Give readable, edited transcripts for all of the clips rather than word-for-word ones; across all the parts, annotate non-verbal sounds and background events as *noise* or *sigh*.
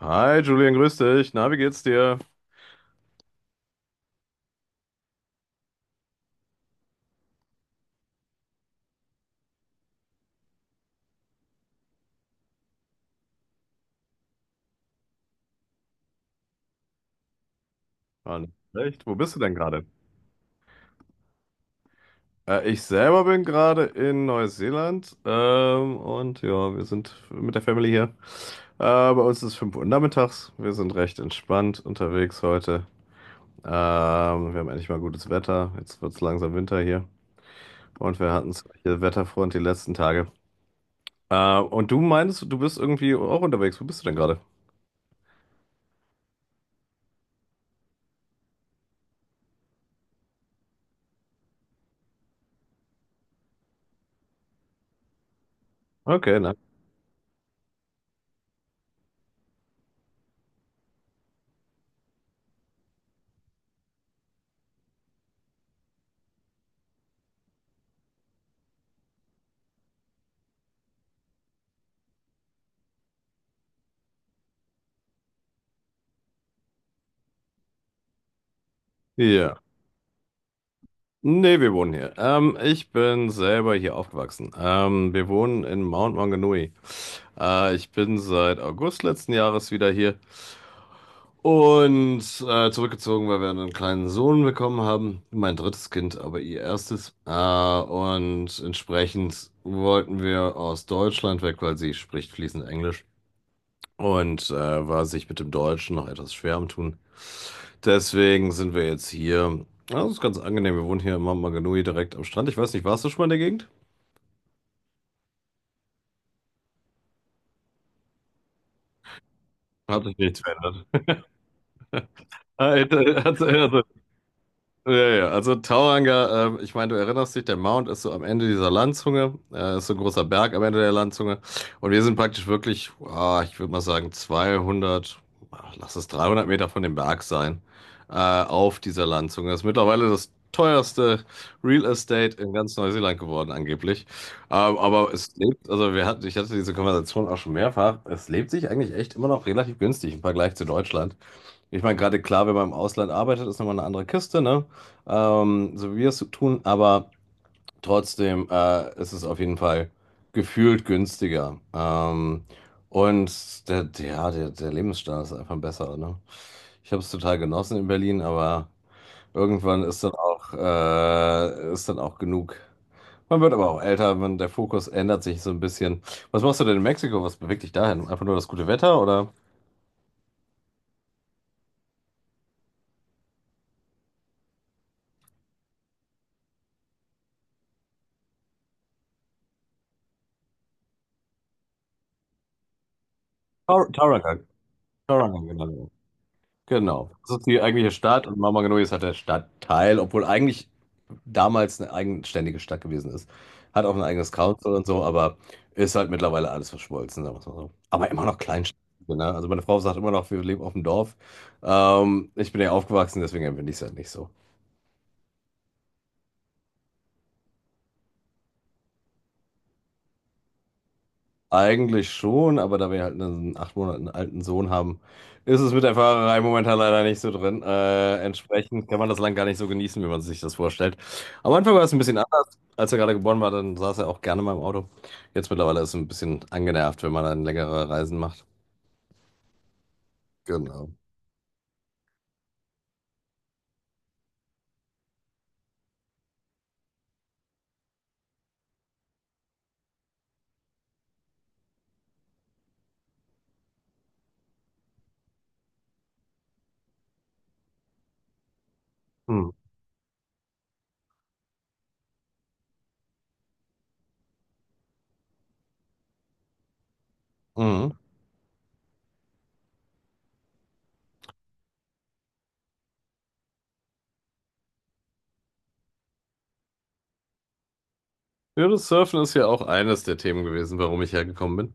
Hi Julian, grüß dich. Na, wie geht's dir? Alles recht. Wo bist du denn gerade? Ich selber bin gerade in Neuseeland und ja, wir sind mit der Family hier. Bei uns ist es 5 Uhr nachmittags. Wir sind recht entspannt unterwegs heute. Wir haben endlich mal gutes Wetter. Jetzt wird's langsam Winter hier. Und wir hatten es hier Wetterfront die letzten Tage. Und du meinst, du bist irgendwie auch unterwegs. Wo bist du denn gerade? Okay, na. Ja. Nee, wir wohnen hier. Ich bin selber hier aufgewachsen. Wir wohnen in Mount Maunganui. Ich bin seit August letzten Jahres wieder hier und zurückgezogen, weil wir einen kleinen Sohn bekommen haben. Mein drittes Kind, aber ihr erstes. Und entsprechend wollten wir aus Deutschland weg, weil sie spricht fließend Englisch und war sich mit dem Deutschen noch etwas schwer am Tun. Deswegen sind wir jetzt hier. Ja, das ist ganz angenehm. Wir wohnen hier in Mama direkt am Strand. Ich weiß nicht, warst du schon mal in der Gegend? Hat sich nichts verändert. *laughs* Also, ja, ja, ja, also Tauranga, ich meine, du erinnerst dich, der Mount ist so am Ende dieser Landzunge, ist so ein großer Berg am Ende der Landzunge. Und wir sind praktisch wirklich, ah, ich würde mal sagen, 200, ah, lass es 300 Meter von dem Berg sein, auf dieser Landzunge. Das ist mittlerweile das teuerste Real Estate in ganz Neuseeland geworden, angeblich. Aber es lebt, also wir hatten, ich hatte diese Konversation auch schon mehrfach, es lebt sich eigentlich echt immer noch relativ günstig im Vergleich zu Deutschland. Ich meine, gerade klar, wenn man im Ausland arbeitet, ist nochmal eine andere Kiste, ne? So wie wir es tun, aber trotzdem ist es auf jeden Fall gefühlt günstiger. Und der Lebensstandard ist einfach besser, ne? Ich habe es total genossen in Berlin, aber irgendwann ist dann auch genug. Man wird aber auch älter, man, der Fokus ändert sich so ein bisschen. Was machst du denn in Mexiko? Was bewegt dich dahin? Einfach nur das gute Wetter oder? Tar- Tarangan. Tarangan, genau. Genau. Das ist die eigentliche Stadt und Mama Genui ist halt der Stadtteil, obwohl eigentlich damals eine eigenständige Stadt gewesen ist. Hat auch ein eigenes Council und so, aber ist halt mittlerweile alles verschmolzen, sagen wir's mal so. Aber immer noch Kleinstadt. Ne? Also meine Frau sagt immer noch, wir leben auf dem Dorf. Ich bin ja aufgewachsen, deswegen empfinde ich es halt nicht so. Eigentlich schon, aber da wir halt einen 8 Monaten alten Sohn haben, ist es mit der Fahrerei momentan leider nicht so drin. Entsprechend kann man das Land gar nicht so genießen, wie man sich das vorstellt. Am Anfang war es ein bisschen anders. Als er gerade geboren war, dann saß er auch gerne mal im Auto. Jetzt mittlerweile ist es ein bisschen angenervt, wenn man dann längere Reisen macht. Genau. Hm. Mhm. Ja, das Surfen ist ja auch eines der Themen gewesen, warum ich hergekommen bin.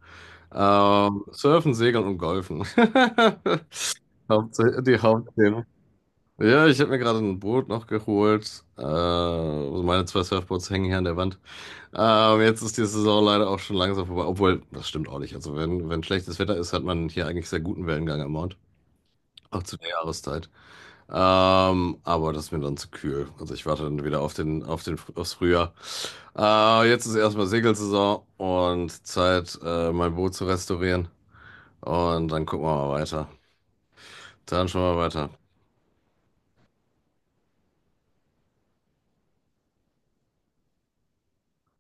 Surfen, Segeln und Golfen. *laughs* Die Hauptthemen. Ja, ich habe mir gerade ein Boot noch geholt. Also meine zwei Surfboards hängen hier an der Wand. Jetzt ist die Saison leider auch schon langsam vorbei. Obwohl, das stimmt auch nicht. Also wenn schlechtes Wetter ist, hat man hier eigentlich sehr guten Wellengang am Mount. Auch zu der Jahreszeit. Aber das ist mir dann zu kühl. Also ich warte dann wieder aufs Frühjahr. Jetzt ist erstmal Segelsaison und Zeit, mein Boot zu restaurieren. Und dann gucken wir mal weiter. Dann schauen wir weiter.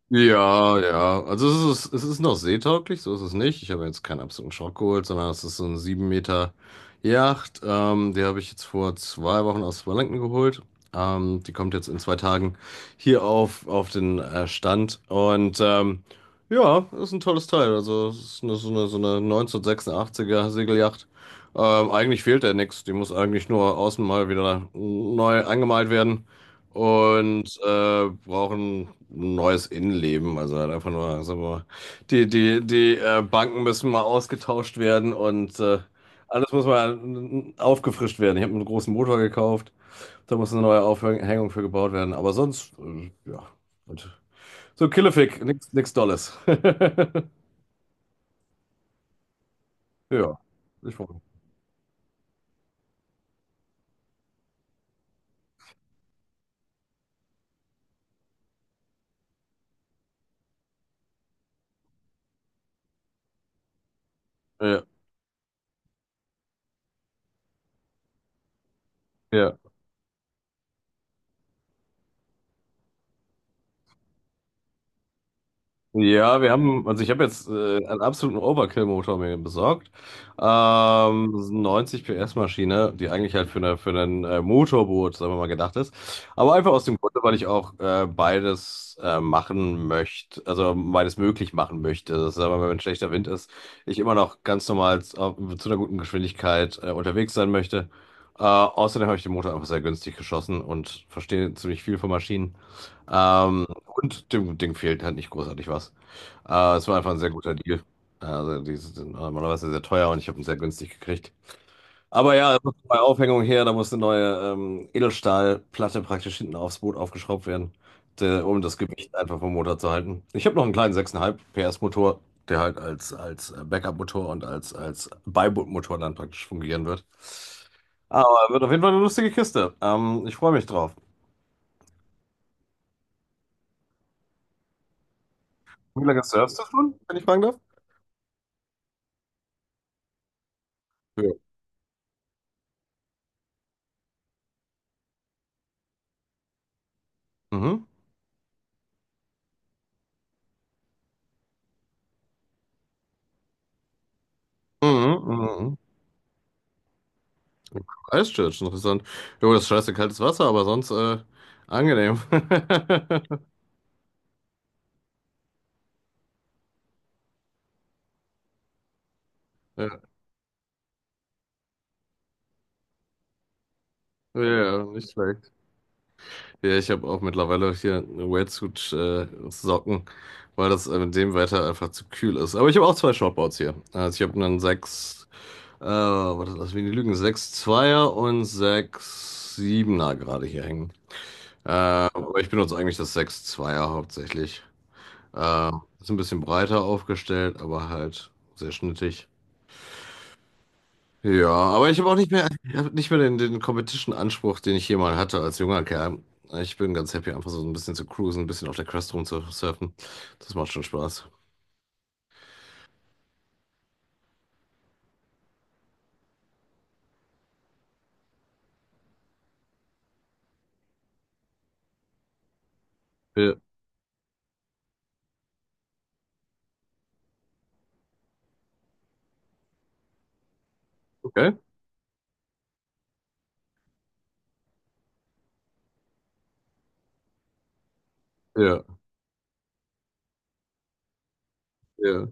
Ja, ja. Also es ist noch seetauglich, so ist es nicht. Ich habe jetzt keinen absoluten Schrock geholt, sondern es ist so eine 7 Meter Yacht. Die habe ich jetzt vor 2 Wochen aus Wellington geholt. Die kommt jetzt in 2 Tagen hier auf den Stand. Und ja, ist ein tolles Teil. Also es ist eine, so eine, so eine 1986er Segelyacht. Eigentlich fehlt da nichts. Die muss eigentlich nur außen mal wieder neu angemalt werden und brauchen ein neues Innenleben. Also halt einfach nur, sagen wir mal, die Banken müssen mal ausgetauscht werden und alles muss mal aufgefrischt werden. Ich habe einen großen Motor gekauft, da muss eine neue Aufhängung für gebaut werden. Aber sonst, ja, und so Killefick, nichts nix Dolles. *laughs* Ja, ich freue mich. Ja, ja. Ja, wir haben, also ich habe jetzt einen absoluten Overkill-Motor mir besorgt. Das ist eine 90 PS-Maschine, die eigentlich halt für ein Motorboot, sagen wir mal, gedacht ist. Aber einfach aus dem Grunde, weil ich auch beides machen möchte, also beides möglich machen möchte. Das ist aber, wenn schlechter Wind ist, ich immer noch ganz normal zu einer guten Geschwindigkeit unterwegs sein möchte. Außerdem habe ich den Motor einfach sehr günstig geschossen und verstehe ziemlich viel von Maschinen. Und dem Ding fehlt halt nicht großartig was. Es war einfach ein sehr guter Deal. Also die sind normalerweise sehr teuer und ich habe ihn sehr günstig gekriegt. Aber ja, es muss eine neue Aufhängung her, da muss eine neue Edelstahlplatte praktisch hinten aufs Boot aufgeschraubt werden, de, um das Gewicht einfach vom Motor zu halten. Ich habe noch einen kleinen 6,5 PS Motor, der halt als Backup-Motor und als Beibootmotor dann praktisch fungieren wird. Aber wird auf jeden Fall eine lustige Kiste. Ich freue mich drauf. Wie lange surfst du schon, wenn ich fragen darf? Mhm. Mhm. Mhm. Mhm. Christchurch, interessant. Jo, das ist scheiße kaltes Wasser, aber sonst angenehm. *laughs* Ja, ja, nicht schlecht. Ja, ich habe auch mittlerweile hier eine Wetsuit-Socken, weil das mit dem Wetter einfach zu kühl ist. Aber ich habe auch zwei Shortboards hier. Also ich habe einen 6, was ist das, wie die Lügen? 6,2er und sechs Siebener gerade hier hängen. Aber ich benutze eigentlich das 6,2er hauptsächlich. Äh, Ist ein bisschen breiter aufgestellt, aber halt sehr schnittig. Ja, aber ich habe auch nicht mehr, ich hab nicht mehr den Competition-Anspruch, den ich hier mal hatte als junger Kerl. Ich bin ganz happy, einfach so ein bisschen zu cruisen, ein bisschen auf der Crest rumzusurfen. Das macht schon Spaß. Ja, okay. Ja, ja.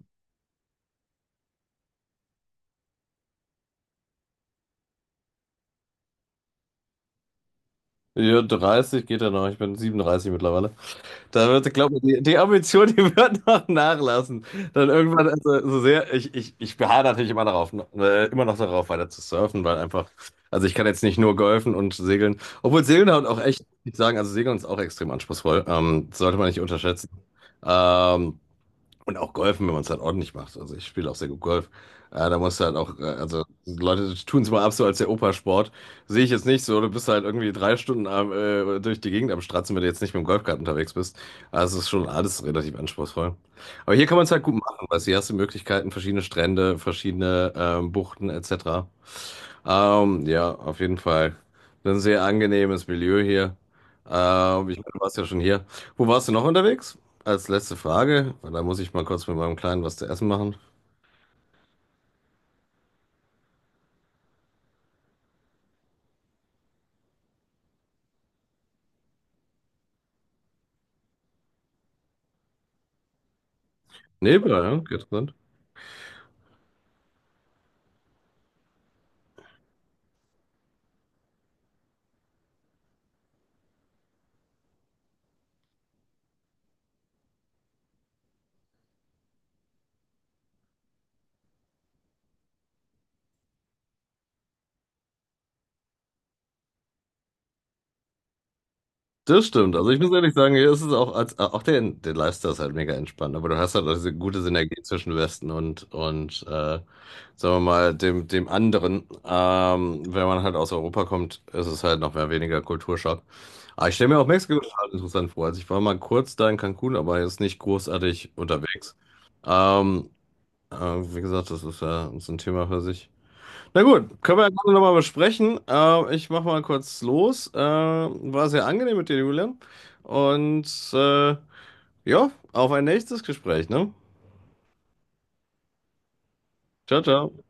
Ja, 30 geht ja noch. Ich bin 37 mittlerweile. Da wird, glaube ich, die Ambition, die wird noch nachlassen. Dann irgendwann, also so sehr, ich beharre natürlich immer darauf, ne, immer noch darauf, weiter zu surfen, weil einfach, also ich kann jetzt nicht nur golfen und segeln, obwohl Segeln halt auch echt, muss ich sagen, also Segeln ist auch extrem anspruchsvoll, sollte man nicht unterschätzen. Ähm, und auch Golfen, wenn man es halt ordentlich macht. Also ich spiele auch sehr gut Golf. Da musst du halt auch, also Leute tun es mal ab so als der Opa-Sport. Sehe ich jetzt nicht so. Du bist halt irgendwie 3 Stunden am, durch die Gegend am Stratzen, wenn du jetzt nicht mit dem Golfkart unterwegs bist. Also es ist schon alles relativ anspruchsvoll. Aber hier kann man es halt gut machen, weil hier hast du Möglichkeiten, verschiedene Strände, verschiedene Buchten etc. Ja, auf jeden Fall. Ein sehr angenehmes Milieu hier. Ich meine, du warst ja schon hier. Wo warst du noch unterwegs? Als letzte Frage, weil da muss ich mal kurz mit meinem Kleinen was zu essen machen. Nebra, ja, geht. Das stimmt. Also ich muss ehrlich sagen, hier ist es auch als auch der Lifestyle ist halt mega entspannt, aber du hast halt auch diese gute Synergie zwischen Westen und sagen wir mal dem dem anderen. Wenn man halt aus Europa kommt, ist es halt noch mehr weniger Kulturschock. Aber ich stelle mir auch Mexiko total interessant vor. Also ich war mal kurz da in Cancun, aber jetzt nicht großartig unterwegs. Ähm, Wie gesagt, das ist ja so ein Thema für sich. Na gut, können wir ja gerne nochmal besprechen. Ich mache mal kurz los. War sehr angenehm mit dir, Julian. Und äh, ja, auf ein nächstes Gespräch, ne? Ciao, ciao.